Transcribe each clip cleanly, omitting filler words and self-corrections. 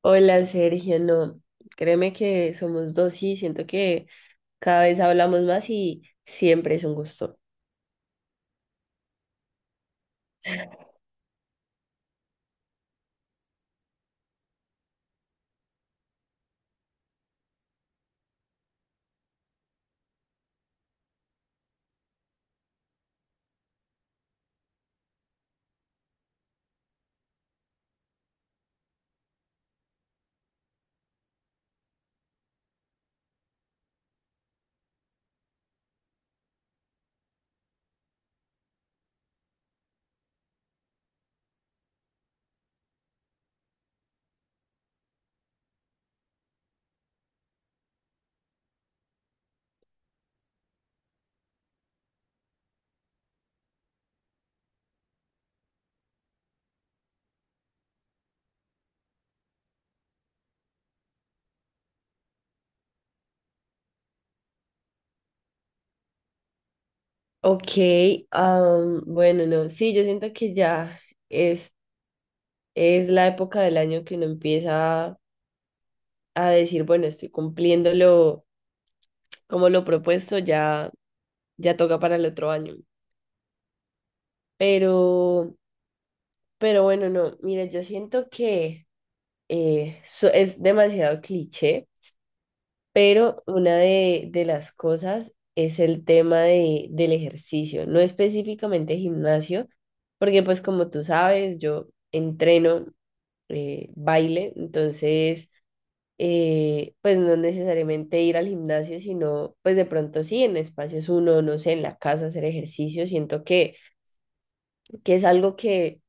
Hola Sergio, no, créeme que somos dos y siento que cada vez hablamos más y siempre es un gusto. Ok, bueno, no, sí, yo siento que ya es, es la época del año que uno empieza a decir, bueno, estoy cumpliendo lo, como lo propuesto, ya, ya toca para el otro año. Pero, pero bueno, no, mira, yo siento que es demasiado cliché. Pero una de las cosas es el tema del ejercicio, no específicamente gimnasio, porque pues como tú sabes, yo entreno baile. Entonces pues no necesariamente ir al gimnasio, sino pues de pronto sí en espacios uno, no sé, en la casa hacer ejercicio. Siento que es algo que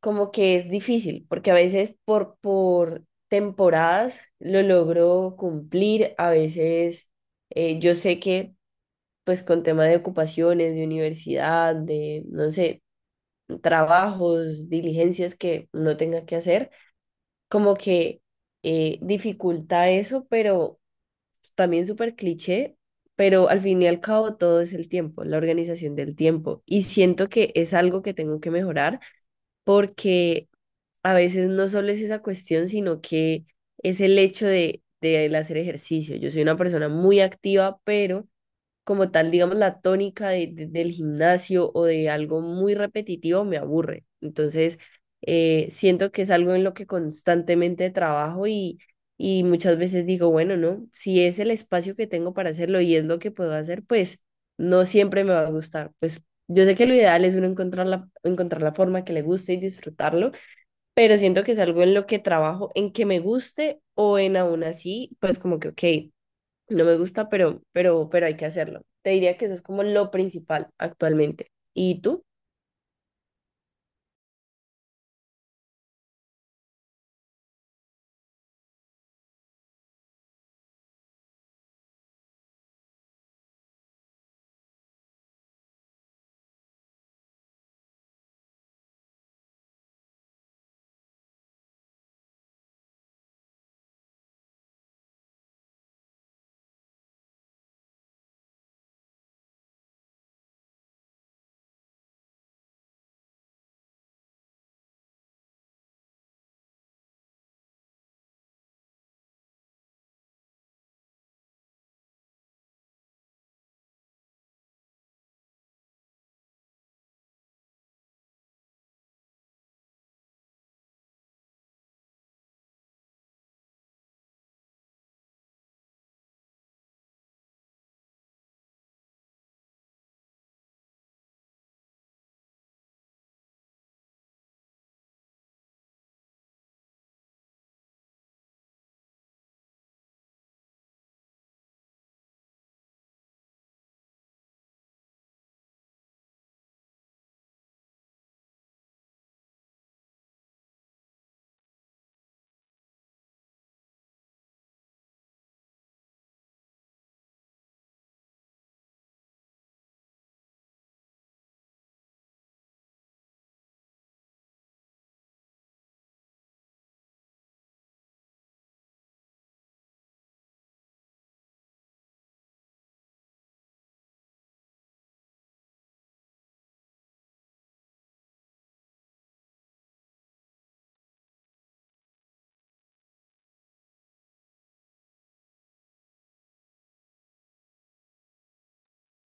como que es difícil, porque a veces por temporadas lo logro cumplir, a veces yo sé que pues con tema de ocupaciones, de universidad, de, no sé, trabajos, diligencias que no tenga que hacer, como que dificulta eso, pero también súper cliché. Pero al fin y al cabo todo es el tiempo, la organización del tiempo. Y siento que es algo que tengo que mejorar, porque a veces no solo es esa cuestión, sino que es el hecho de el hacer ejercicio. Yo soy una persona muy activa, pero como tal, digamos, la tónica del gimnasio o de algo muy repetitivo me aburre. Entonces, siento que es algo en lo que constantemente trabajo, y muchas veces digo, bueno, no, si es el espacio que tengo para hacerlo y es lo que puedo hacer, pues no siempre me va a gustar. Pues yo sé que lo ideal es uno encontrar la forma que le guste y disfrutarlo, pero siento que es algo en lo que trabajo, en que me guste o en aún así, pues como que, ok, no me gusta, pero hay que hacerlo. Te diría que eso es como lo principal actualmente. ¿Y tú?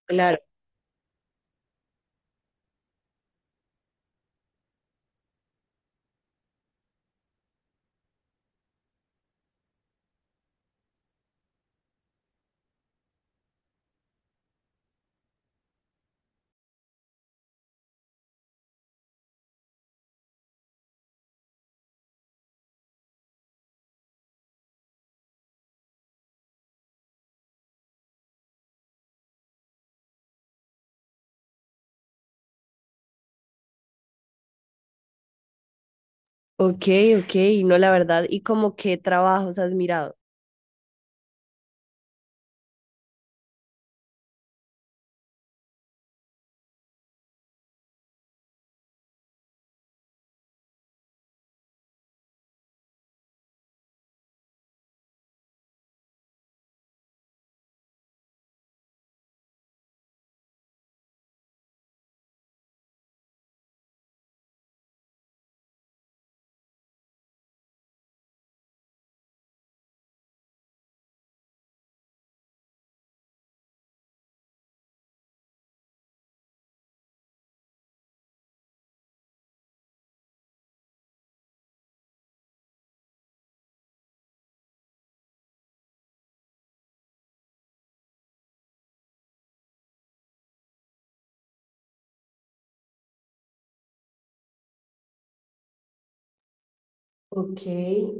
Claro. Ok, ok, no, la verdad. ¿Y como qué trabajos has mirado? Ok,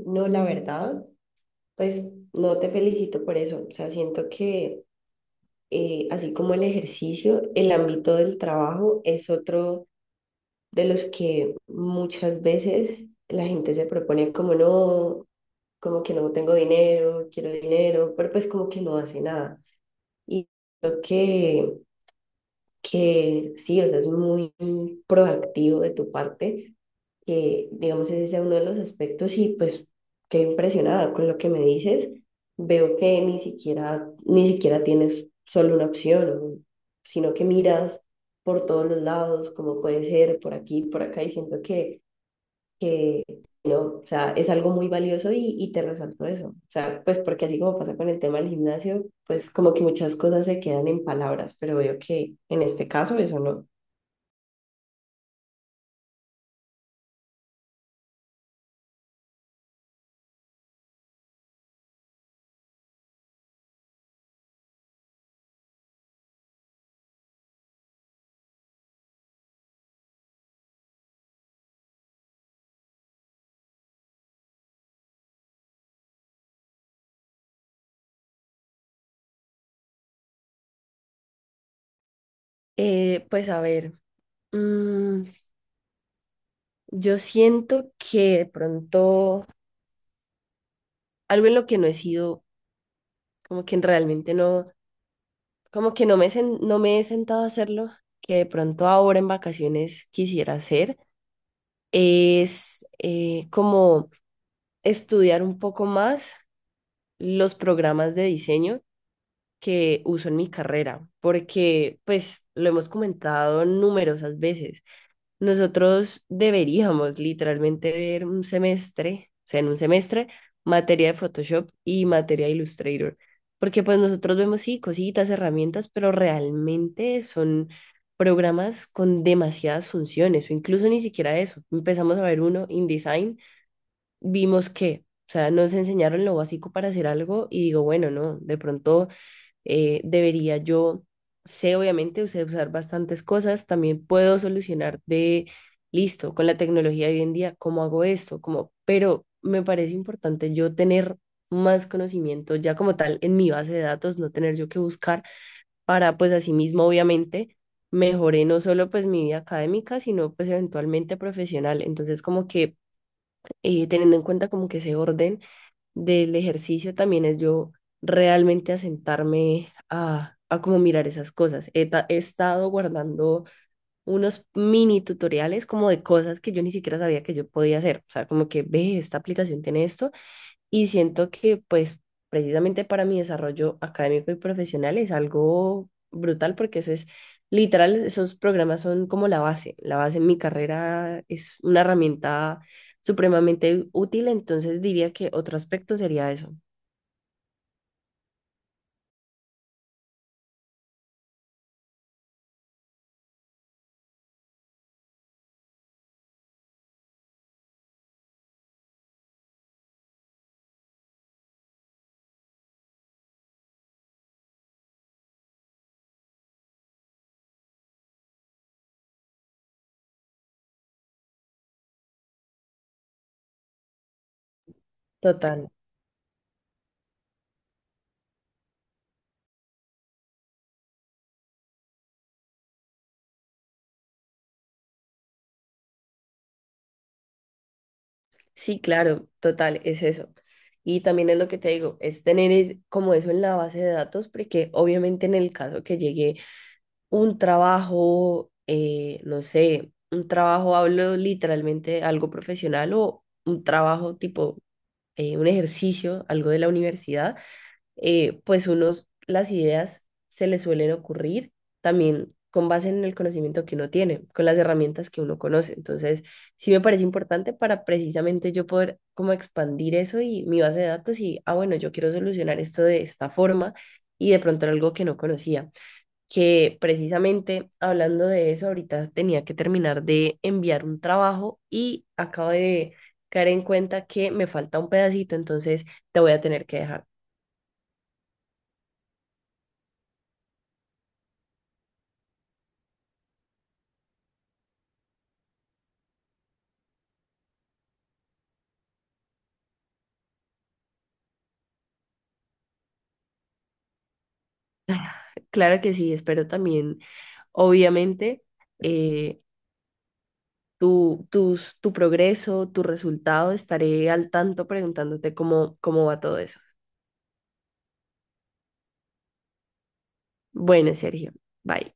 no, la verdad, pues no, te felicito por eso. O sea, siento que así como el ejercicio, el ámbito del trabajo es otro de los que muchas veces la gente se propone como no, como que no tengo dinero, quiero dinero, pero pues como que no hace nada. Y creo que sí, o sea, es muy proactivo de tu parte, que digamos ese sea uno de los aspectos, y pues qué impresionada con lo que me dices. Veo que ni siquiera, ni siquiera tienes solo una opción, sino que miras por todos los lados, como puede ser, por aquí, por acá, y siento que no, o sea, es algo muy valioso, y te resalto eso. O sea, pues porque así como pasa con el tema del gimnasio, pues como que muchas cosas se quedan en palabras, pero veo que en este caso eso no. Pues a ver, mm, yo siento que de pronto algo en lo que no he sido, como que realmente no, como que no no me he sentado a hacerlo, que de pronto ahora en vacaciones quisiera hacer, es como estudiar un poco más los programas de diseño que uso en mi carrera, porque pues lo hemos comentado numerosas veces. Nosotros deberíamos literalmente ver un semestre, o sea, en un semestre, materia de Photoshop y materia de Illustrator, porque pues nosotros vemos sí cositas, herramientas, pero realmente son programas con demasiadas funciones o incluso ni siquiera eso. Empezamos a ver uno InDesign, vimos que, o sea, nos enseñaron lo básico para hacer algo y digo, bueno, no, de pronto debería yo, sé obviamente, sé usar bastantes cosas, también puedo solucionar de, listo, con la tecnología de hoy en día, ¿cómo hago esto? ¿Cómo? Pero me parece importante yo tener más conocimiento ya como tal en mi base de datos, no tener yo que buscar para, pues, así mismo obviamente. Mejoré no solo pues mi vida académica, sino pues eventualmente profesional. Entonces como que teniendo en cuenta como que ese orden del ejercicio también es yo realmente asentarme a como mirar esas cosas. He estado guardando unos mini tutoriales como de cosas que yo ni siquiera sabía que yo podía hacer. O sea, como que ve, esta aplicación tiene esto, y siento que, pues, precisamente para mi desarrollo académico y profesional es algo brutal, porque eso es literal, esos programas son como la base. La base en mi carrera es una herramienta supremamente útil, entonces diría que otro aspecto sería eso. Total. Sí, claro, total, es eso. Y también es lo que te digo, es tener como eso en la base de datos, porque obviamente en el caso que llegue un trabajo, no sé, un trabajo, hablo literalmente de algo profesional o un trabajo tipo un ejercicio, algo de la universidad, pues unos, las ideas se les suelen ocurrir también con base en el conocimiento que uno tiene, con las herramientas que uno conoce. Entonces, sí me parece importante para precisamente yo poder como expandir eso y mi base de datos y, ah, bueno, yo quiero solucionar esto de esta forma, y de pronto era algo que no conocía, que precisamente hablando de eso, ahorita tenía que terminar de enviar un trabajo y acabo de caer en cuenta que me falta un pedacito, entonces te voy a tener que dejar. Claro que sí, espero también, obviamente, eh, tu progreso, tu resultado, estaré al tanto preguntándote cómo, cómo va todo eso. Bueno, Sergio, bye.